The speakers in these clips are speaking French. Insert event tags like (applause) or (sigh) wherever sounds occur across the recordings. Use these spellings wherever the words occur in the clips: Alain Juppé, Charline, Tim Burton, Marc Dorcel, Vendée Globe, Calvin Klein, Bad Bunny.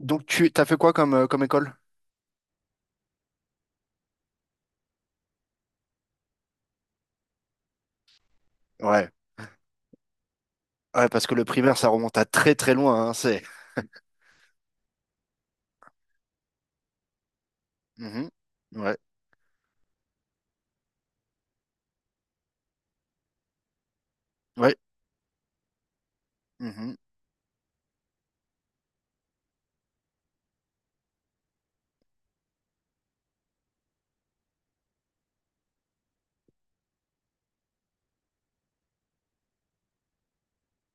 Donc tu t'as fait quoi comme école? Ouais. Ouais, parce que le primaire, ça remonte à très très loin, hein, c'est. Mhm. Ouais. Ouais. Mhm.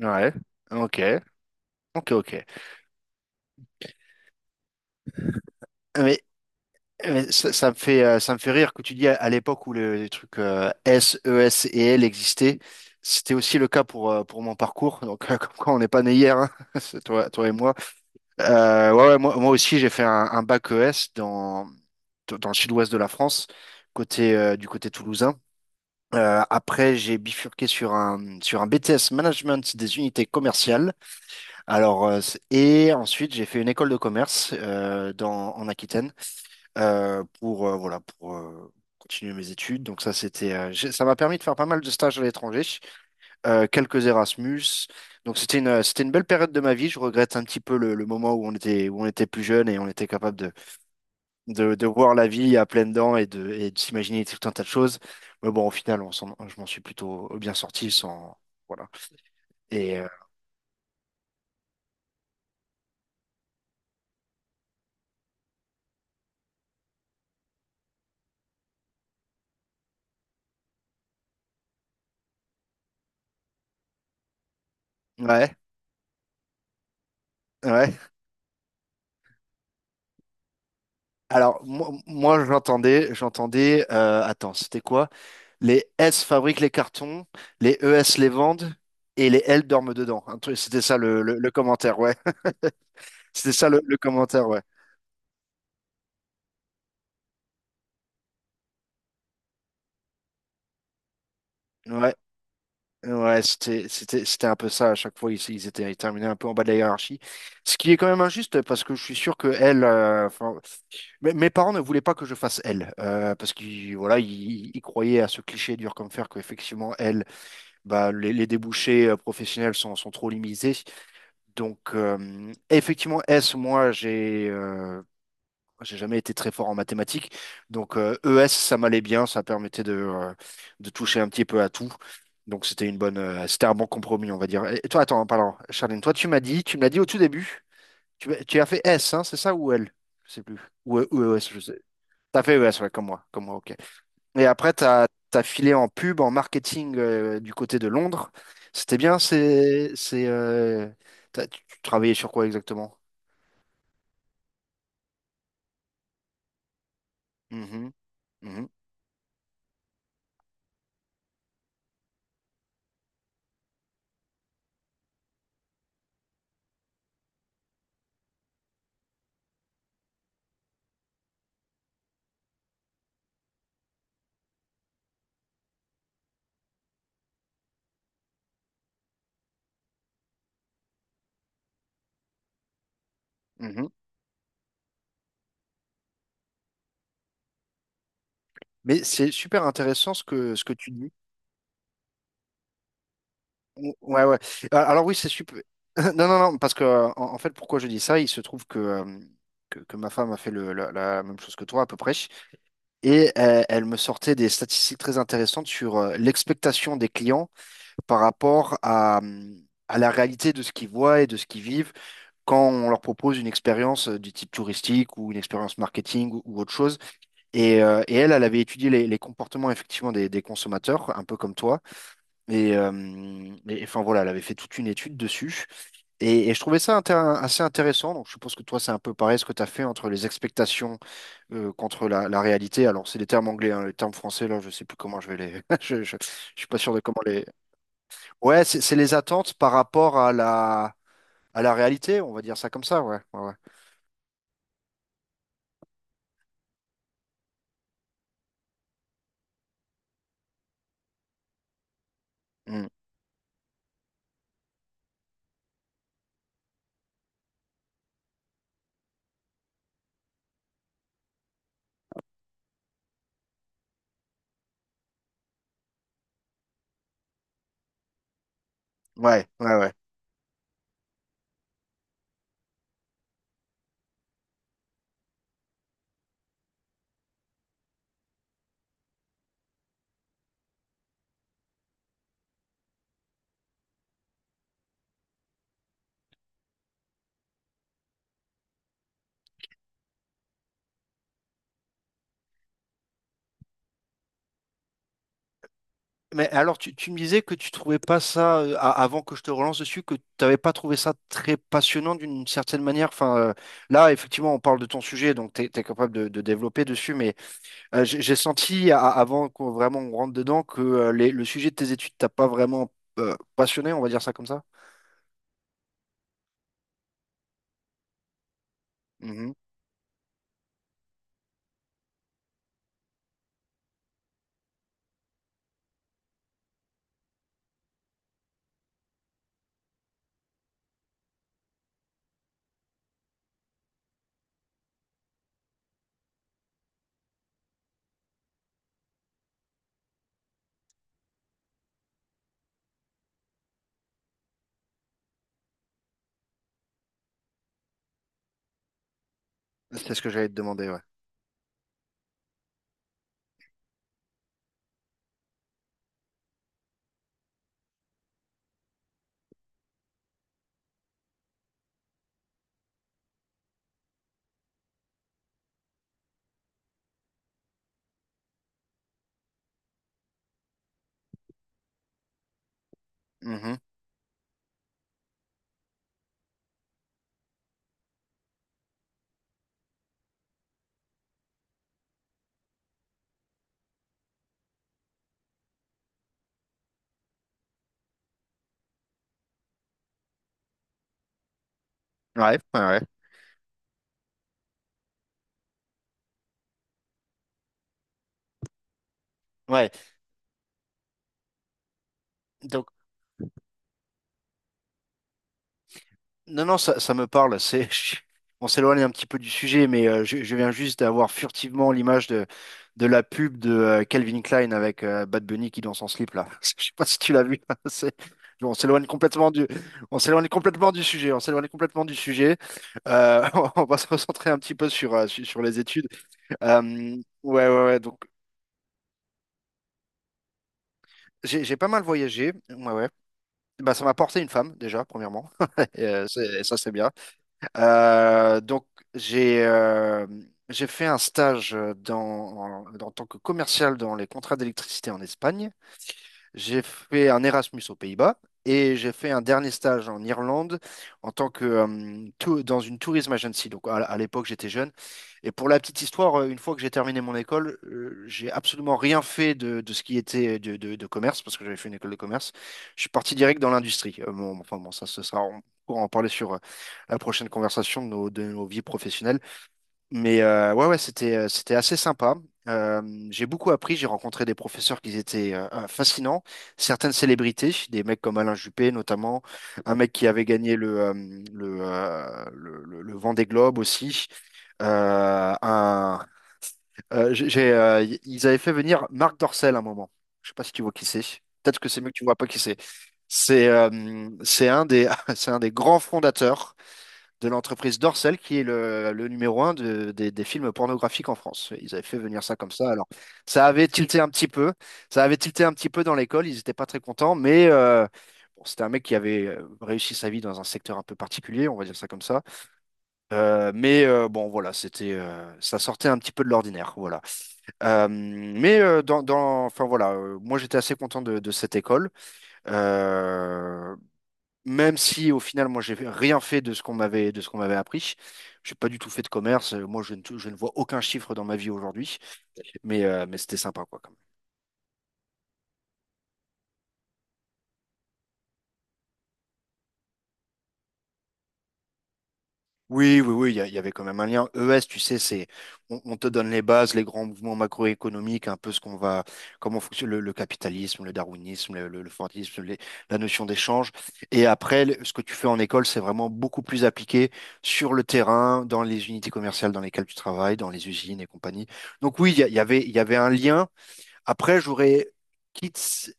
Ouais. Ok. Ok, ok. Mais, mais ça me fait rire que tu dis à l'époque où les trucs S, ES et L existaient, c'était aussi le cas pour mon parcours. Donc, (laughs) comme quoi, on n'est pas né hier, hein, (laughs) c'est toi et moi. Ouais, ouais, moi aussi, j'ai fait un bac E S dans le sud-ouest de la France, du côté toulousain. Après, j'ai bifurqué sur un BTS Management des unités commerciales. Alors, et ensuite, j'ai fait une école de commerce en Aquitaine voilà, pour continuer mes études. Donc, ça, ça m'a permis de faire pas mal de stages à l'étranger, quelques Erasmus. Donc, c'était une belle période de ma vie. Je regrette un petit peu le moment où on était plus jeune et on était capable de voir la vie à pleines dents et de s'imaginer tout un tas de choses. Mais bon, au final, je m'en suis plutôt bien sorti sans, voilà. Et ouais, ouais. Alors, moi, j'entendais. Attends, c'était quoi? Les S fabriquent les cartons, les E S les vendent et les L dorment dedans. C'était ça le commentaire, ouais. (laughs) C'était ça le commentaire, ouais. Ouais. Ouais, c'était un peu ça. À chaque fois, ils étaient terminés un peu en bas de la hiérarchie. Ce qui est quand même injuste parce que je suis sûr que elle, enfin, mes parents ne voulaient pas que je fasse elle. Parce qu'ils, voilà, ils croyaient à ce cliché dur comme fer qu'effectivement, elle, bah, les débouchés professionnels sont trop limités. Donc, effectivement, S, moi, j'ai jamais été très fort en mathématiques. Donc, ES, ça m'allait bien. Ça permettait de toucher un petit peu à tout. Donc, c'était un bon compromis, on va dire. Et toi, attends, pardon, Charline, toi, tu me l'as dit au tout début. Tu as fait S, hein, c'est ça, ou L? Je sais plus. Ou ES, je sais. T'as fait ES, ouais, comme moi, ok. Et après, t'as filé en pub, en marketing, du côté de Londres. C'était bien, tu travaillais sur quoi exactement? Mhm, mhm, mhm. Mais c'est super intéressant ce que tu dis. Ouais, ouais. Alors, oui, c'est super. (laughs) Non, non, non, parce que en fait, pourquoi je dis ça, il se trouve que ma femme a fait la même chose que toi à peu près. Et elle me sortait des statistiques très intéressantes sur l'expectation des clients par rapport à la réalité de ce qu'ils voient et de ce qu'ils vivent quand on leur propose une expérience du type touristique ou une expérience marketing ou autre chose. Et elle, elle avait étudié les comportements effectivement des consommateurs, un peu comme toi. Et enfin, voilà, elle avait fait toute une étude dessus. Et je trouvais ça assez intéressant. Donc, je suppose que toi, c'est un peu pareil ce que tu as fait entre les expectations contre la réalité. Alors, c'est des termes anglais, hein. Les termes français, là, je sais plus comment je vais les. (laughs) Je suis pas sûr de comment les. Ouais, c'est les attentes par rapport à la réalité, on va dire ça comme ça, ouais. Ouais, ouais. Mm. Ouais, ouais, ouais. Mais alors, tu me disais que tu trouvais pas ça, avant que je te relance dessus, que tu n'avais pas trouvé ça très passionnant d'une certaine manière. Enfin, là, effectivement, on parle de ton sujet, donc tu es capable de développer dessus, mais j'ai senti, avant qu'on vraiment on rentre dedans, que le sujet de tes études t'a pas vraiment passionné, on va dire ça comme ça. Mhm. C'est ce que j'allais te demander, ouais. Mhm. Ouais, ouais, ouais. Ouais. Non, non, ça me parle. C'est, (laughs) on s'éloigne un petit peu du sujet, mais je viens juste d'avoir furtivement l'image de la pub de Calvin Klein avec Bad Bunny qui danse en slip là. (laughs) Je sais pas si tu l'as vu. (laughs) Bon, on s'éloigne complètement du sujet. On s'éloigne complètement du sujet. Euh, (laughs) on va se recentrer un petit peu sur les études. Euh, ouais, ouais, ouais. Donc, j'ai pas mal voyagé. Ouais, ouais. Bah, ça m'a porté une femme déjà, premièrement. (laughs) Ça, c'est bien. Donc, j'ai euh, j'ai fait un stage en tant que commercial dans les contrats d'électricité en Espagne. J'ai fait un Erasmus aux Pays-Bas et j'ai fait un dernier stage en Irlande en tant que tou- dans une tourism agency. Donc, à l'époque, j'étais jeune. Et pour la petite histoire, une fois que j'ai terminé mon école, j'ai absolument rien fait de ce qui était de commerce parce que j'avais fait une école de commerce. Je suis parti direct dans l'industrie. Bon, enfin bon, ça, ce sera on pourra en parler sur la prochaine conversation de nos vies professionnelles. Mais ouais, ouais, c'était assez sympa. Euh, j'ai beaucoup appris, j'ai rencontré des professeurs qui étaient fascinants, certaines célébrités, des mecs comme Alain Juppé notamment, un mec qui avait gagné le Vendée Globe aussi. Un, j'ai, y- Ils avaient fait venir Marc Dorcel à un moment. Je sais pas si tu vois qui c'est. Peut-être que c'est mieux que tu vois pas qui c'est. C'est euh, c'est un des, (laughs) c'est un des grands fondateurs de l'entreprise Dorsel, qui est le numéro un des films pornographiques en France. Ils avaient fait venir ça comme ça. Alors, ça avait tilté un petit peu. Ça avait tilté un petit peu dans l'école. Ils n'étaient pas très contents, mais bon, c'était un mec qui avait réussi sa vie dans un secteur un peu particulier, on va dire ça comme ça. Mais bon, voilà, ça sortait un petit peu de l'ordinaire, voilà. Mais enfin, voilà, moi, j'étais assez content de cette école. Euh, Même si au final, moi, j'ai rien fait de ce qu'on m'avait appris. J'ai pas du tout fait de commerce. Moi, je ne vois aucun chiffre dans ma vie aujourd'hui. Mais c'était sympa, quoi. Oui, oui, oui, il y avait quand même un lien. ES, tu sais, c'est on te donne les bases, les grands mouvements macroéconomiques, un peu comment fonctionne le capitalisme, le darwinisme, le fordisme, la notion d'échange. Et après, ce que tu fais en école, c'est vraiment beaucoup plus appliqué sur le terrain, dans les unités commerciales dans lesquelles tu travailles, dans les usines et compagnie. Donc oui, il y, a- il y avait un lien. Après, quitte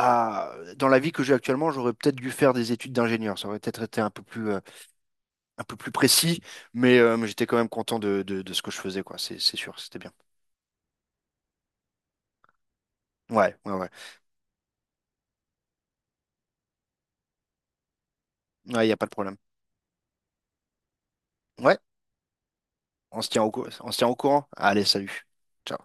à, dans la vie que j'ai actuellement, j'aurais peut-être dû faire des études d'ingénieur. Ça aurait peut-être été un peu plus précis, mais j'étais quand même content de ce que je faisais, quoi. C'est sûr, c'était bien. Ouais, ouais, ouais. Ouais, il n'y a pas de problème. Ouais, on se tient on se tient au courant. Allez, salut. Ciao.